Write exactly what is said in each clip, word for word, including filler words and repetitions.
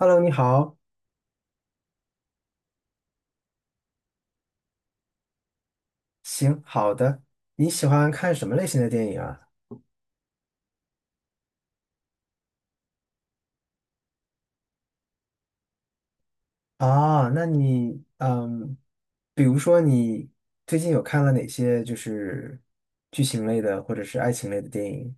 Hello，你好，行，好的。你喜欢看什么类型的电影啊？啊，那你，嗯，比如说你最近有看了哪些就是剧情类的或者是爱情类的电影？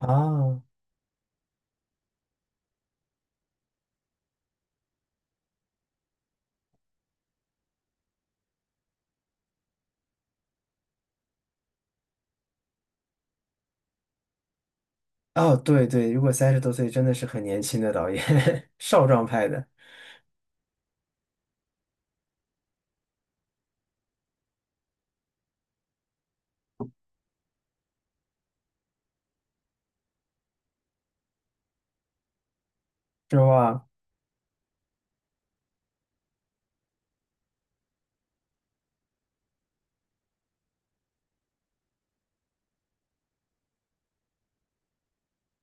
啊，哦，对对，如果三十多岁真的是很年轻的导演，少壮派的，是吧？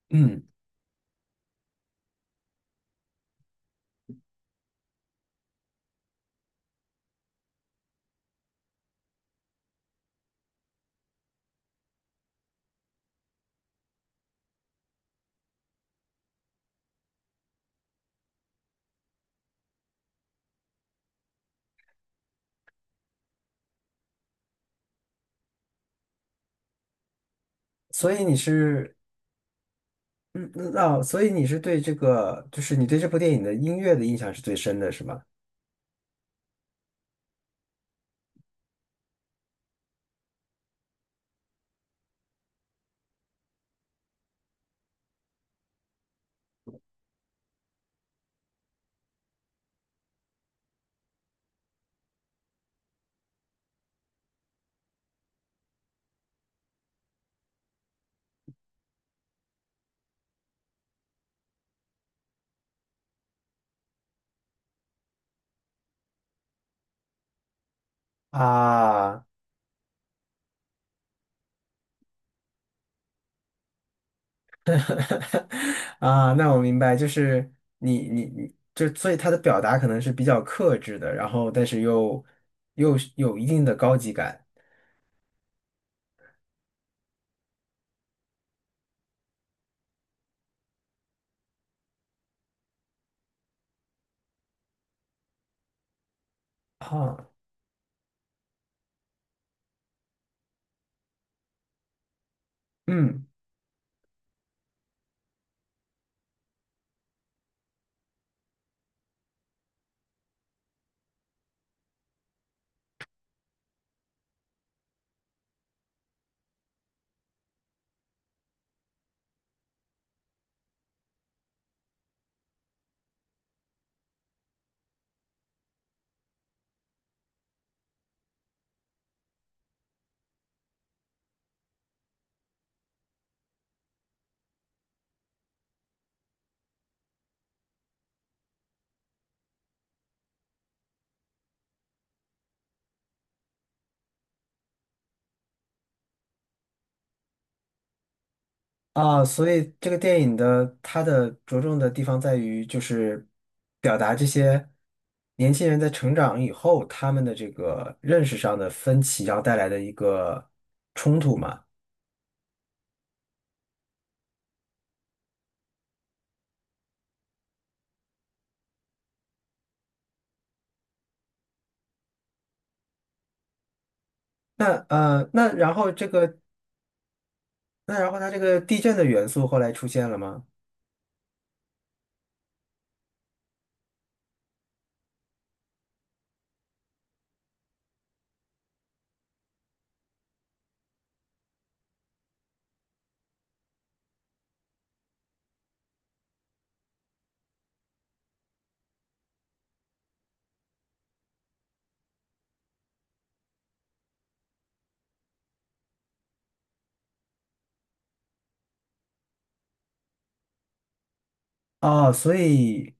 嗯，所以你是，嗯，那、哦所以你是对这个，就是你对这部电影的音乐的印象是最深的，是吗？啊 啊，那我明白，就是你你你，就所以他的表达可能是比较克制的，然后但是又又是有一定的高级感啊，嗯啊，所以这个电影的它的着重的地方在于就是表达这些年轻人在成长以后他们的这个认识上的分歧，然后带来的一个冲突嘛。那呃，那然后这个那然后它这个地震的元素后来出现了吗？啊，所以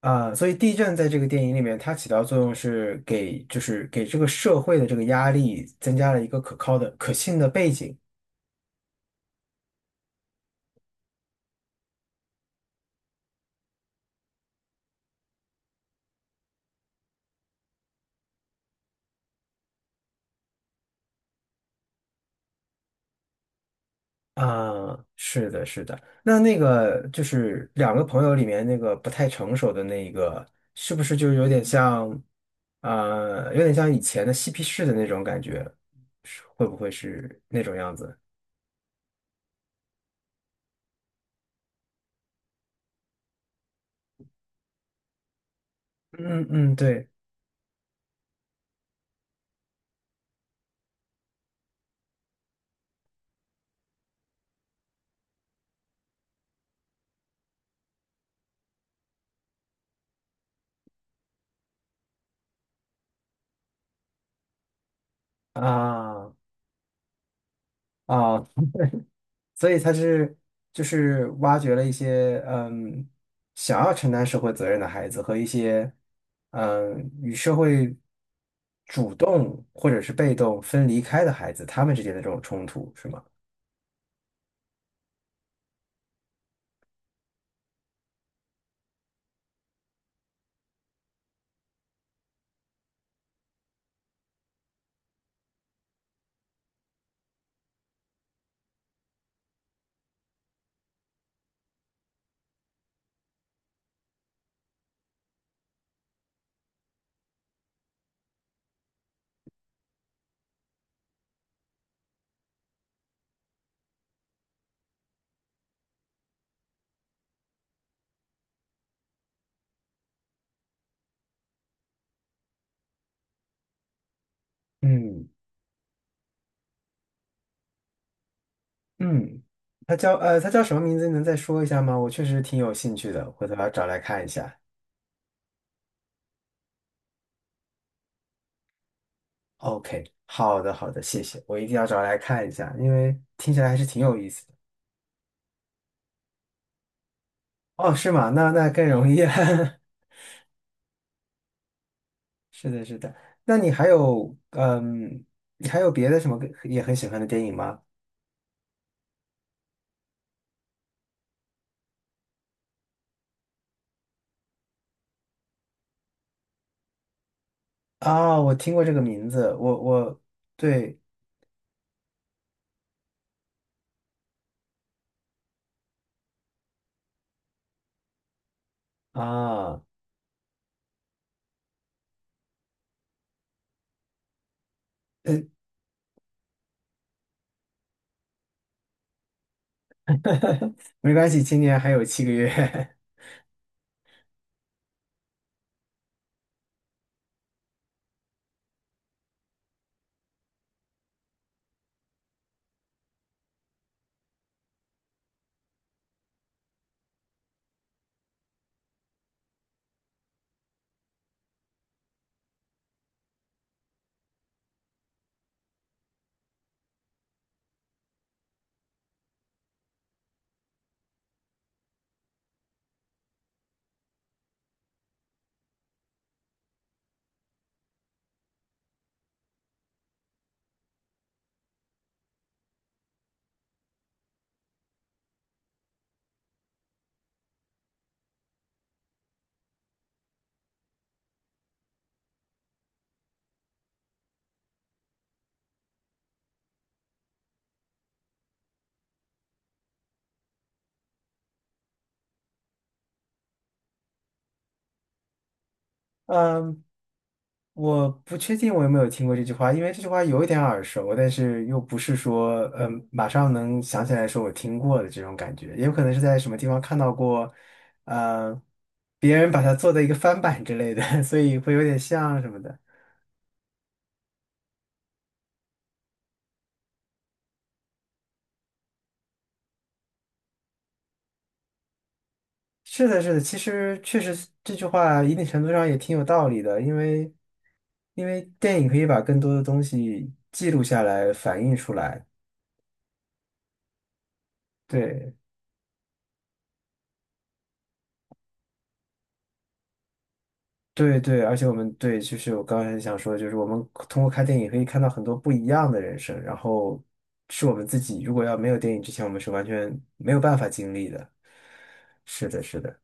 啊，所以地震在这个电影里面，它起到作用是给，就是给这个社会的这个压力增加了一个可靠的、可信的背景。啊，是的，是的。那那个就是两个朋友里面那个不太成熟的那一个，是不是就有点像，呃，有点像以前的嬉皮士的那种感觉？是会不会是那种样子？嗯嗯，对啊啊。哦所以他是就是挖掘了一些嗯想要承担社会责任的孩子和一些嗯与社会主动或者是被动分离开的孩子，他们之间的这种冲突是吗？嗯嗯，他叫呃他叫什么名字？你能再说一下吗？我确实挺有兴趣的，回头要找来看一下。OK，好的好的，谢谢，我一定要找来看一下，因为听起来还是挺有意思的。哦，是吗？那那更容易啊。是的，是的。那你还有，嗯，你还有别的什么也很喜欢的电影吗？啊，我听过这个名字，我我对啊，呃 没关系，今年还有七个月。嗯，我不确定我有没有听过这句话，因为这句话有一点耳熟，但是又不是说，嗯，马上能想起来说我听过的这种感觉，也有可能是在什么地方看到过，嗯，别人把它做的一个翻版之类的，所以会有点像什么的。是的，是的，其实确实是这句话一定程度上也挺有道理的，因为因为电影可以把更多的东西记录下来，反映出来。对，对，对，而且我们对，就是我刚才想说的就是我们通过看电影可以看到很多不一样的人生，然后是我们自己如果要没有电影之前，我们是完全没有办法经历的。是的，是的，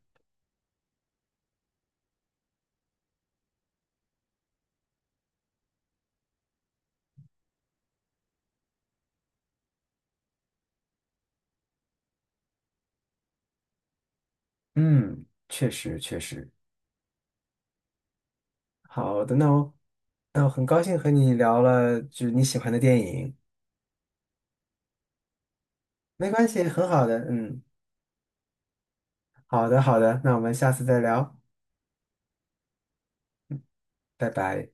嗯，确实，确实，好的，那我那我很高兴和你聊了，就是你喜欢的电影。没关系，很好的，嗯，好的，好的，那我们下次再聊，拜拜。